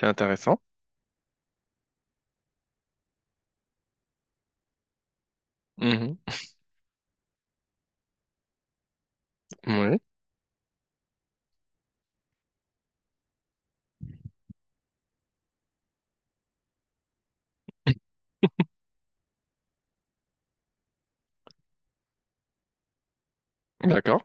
C'est intéressant. Mhm. Oui, d'accord.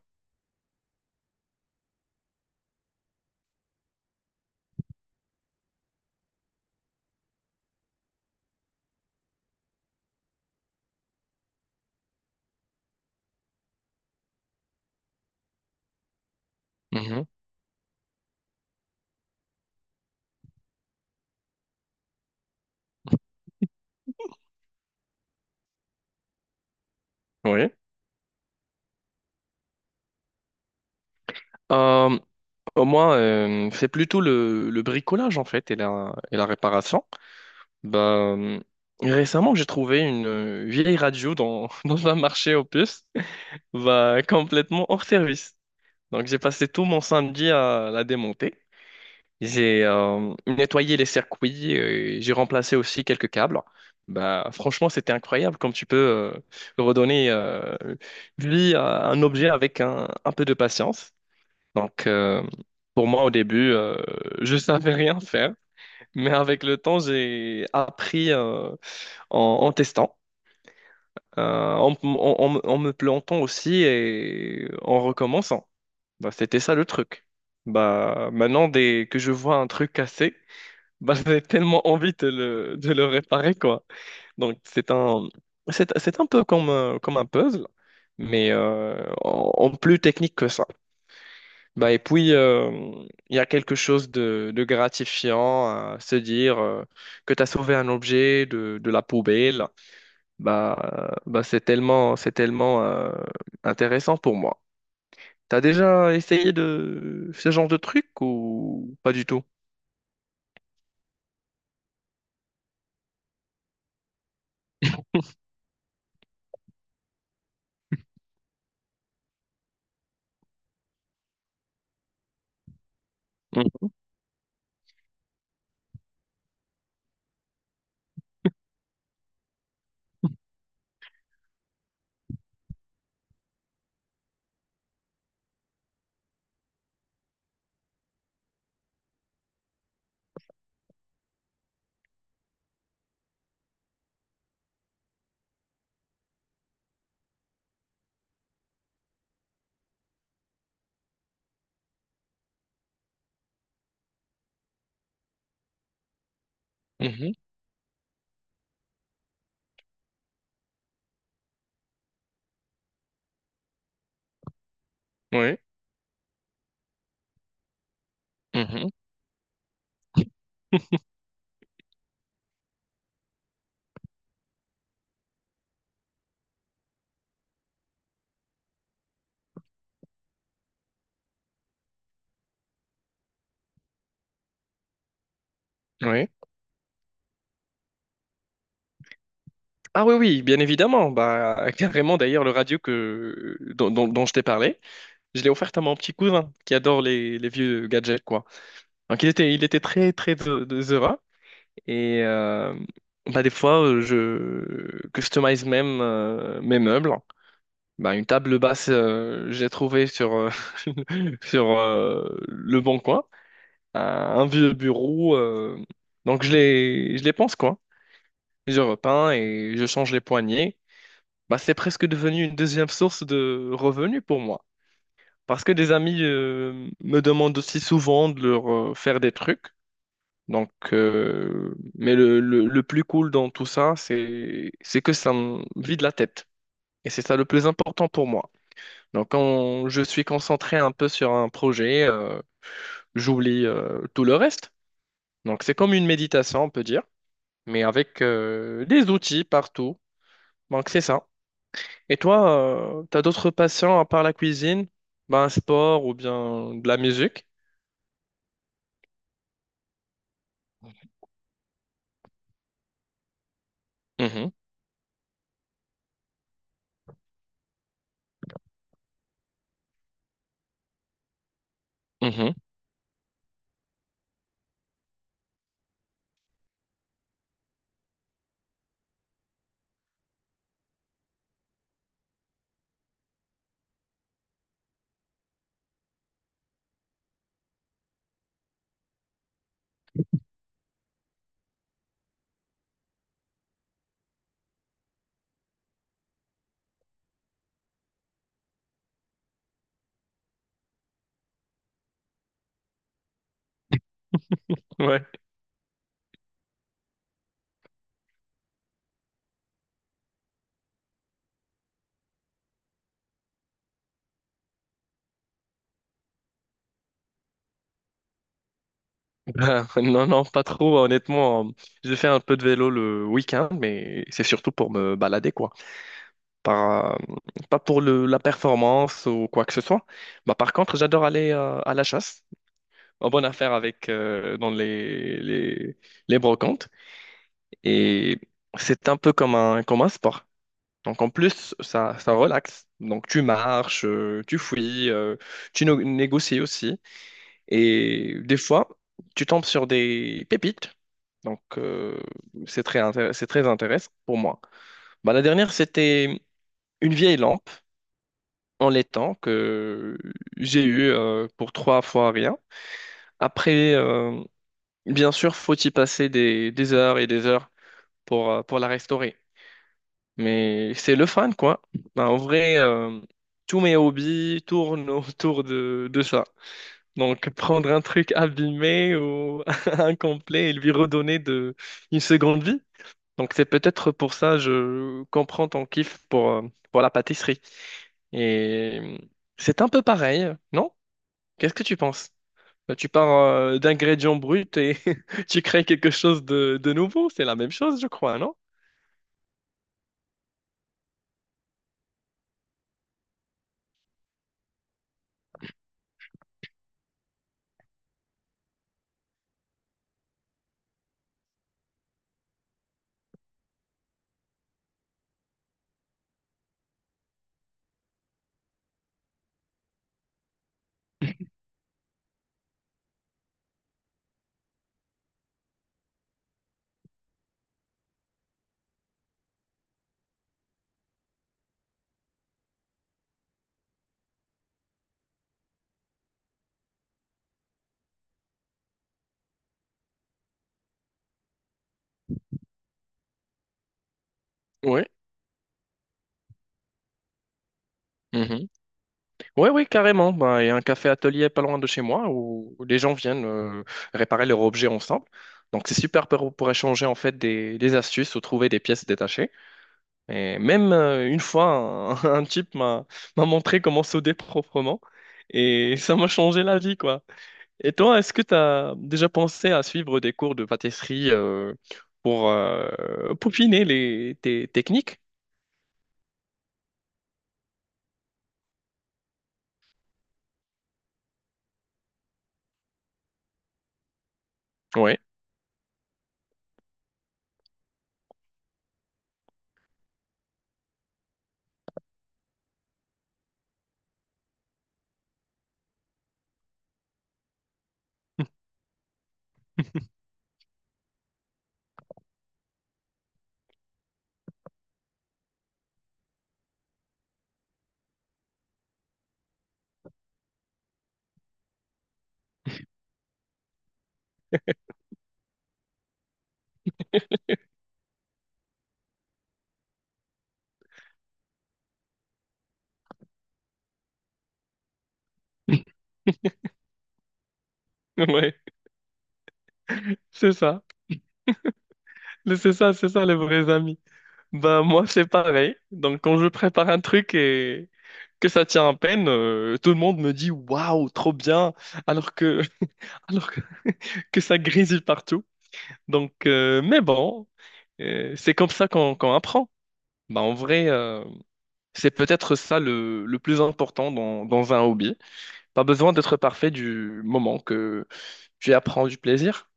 Mhm. Oui. Euh, Moi, c'est plutôt le bricolage en fait et la réparation. Bah, euh, Récemment, j'ai trouvé une vieille radio dans, dans un marché aux puces, bah, complètement hors service. Donc, j'ai passé tout mon samedi à la démonter. J'ai nettoyé les circuits, j'ai remplacé aussi quelques câbles. Bah, franchement, c'était incroyable comme tu peux redonner vie à un objet avec un peu de patience. Donc, pour moi, au début, je savais rien faire, mais avec le temps, j'ai appris en, en testant, en, en me plantant aussi et en recommençant. Bah, c'était ça le truc. Bah, maintenant, dès que je vois un truc cassé, bah, j'avais tellement envie de de le réparer, quoi. Donc, c'est un peu comme, comme un puzzle, mais en, en plus technique que ça. Bah, et puis, il y a quelque chose de gratifiant à se dire que tu as sauvé un objet de la poubelle. Bah, Bah, c'est tellement intéressant pour moi. T'as déjà essayé de ce genre de truc ou pas du tout? Mhm. Mhm. Oui. Mhm. Oui. Ah oui, oui, bien évidemment. Bah, carrément, d'ailleurs, le radio que, dont je t'ai parlé, je l'ai offert à mon petit cousin qui adore les vieux gadgets, quoi. Donc, il était très, très heureux. Et bah, des fois, je customise même mes meubles. Bah, une table basse, j'ai trouvé sur, sur le bon coin, un un vieux bureau. Donc, je les pense, quoi. Je repeins et je change les poignées. Bah, c'est presque devenu une deuxième source de revenus pour moi. Parce que des amis me demandent aussi souvent de leur faire des trucs. Donc, mais le plus cool dans tout ça, c'est que ça me vide la tête. Et c'est ça le plus important pour moi. Donc, quand je suis concentré un peu sur un projet, j'oublie tout le reste. Donc, c'est comme une méditation, on peut dire, mais avec des outils partout. Donc, c'est ça. Et toi, tu t'as d'autres passions à part la cuisine? Ben, un sport ou bien de la musique? Mhm, mhm, ouais. Ben, non, non, pas trop, honnêtement. Hein. J'ai fait un peu de vélo le week-end, mais c'est surtout pour me balader, quoi. Pas, Pas pour la performance ou quoi que ce soit. Ben, par contre, j'adore aller à la chasse. En bonne affaire avec dans les brocantes. Et c'est un peu comme comme un sport. Donc en plus, ça relaxe. Donc tu marches, tu fouilles, tu no- négocies aussi. Et des fois, tu tombes sur des pépites. Donc c'est très intéressant pour moi. Bah, la dernière, c'était une vieille lampe en laiton que j'ai eu pour trois fois rien. Après, bien sûr, faut y passer des heures et des heures pour la restaurer. Mais c'est le fun quoi. Ben, en vrai, tous mes hobbies tournent autour de ça. Donc, prendre un truc abîmé ou incomplet et lui redonner une seconde vie. Donc, c'est peut-être pour ça je comprends ton kiff pour la pâtisserie. Et c'est un peu pareil, non? Qu'est-ce que tu penses? Ben, tu pars d'ingrédients bruts et tu crées quelque chose de nouveau. C'est la même chose, je crois, non? Oui. Oui, oui, carrément. Ben, il y a un café atelier pas loin de chez moi où, où les gens viennent réparer leurs objets ensemble. Donc c'est super pour échanger en fait des astuces ou trouver des pièces détachées. Et même une fois, un, un type m'a montré comment souder proprement et ça m'a changé la vie quoi. Et toi, est-ce que tu as déjà pensé à suivre des cours de pâtisserie pour peaufiner tes techniques? Oui, ouais, ouais, c'est ça. C'est ça, c'est ça les vrais amis. Bah moi c'est pareil. Donc quand je prépare un truc et que ça tient à peine, tout le monde me dit waouh, trop bien, alors que alors que, que ça grésille partout. Donc mais bon, c'est comme ça qu'on apprend. Bah en vrai, c'est peut-être ça le plus important dans, dans un hobby. Pas besoin d'être parfait du moment que tu apprends du plaisir.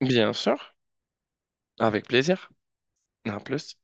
Bien sûr, avec plaisir. À plus.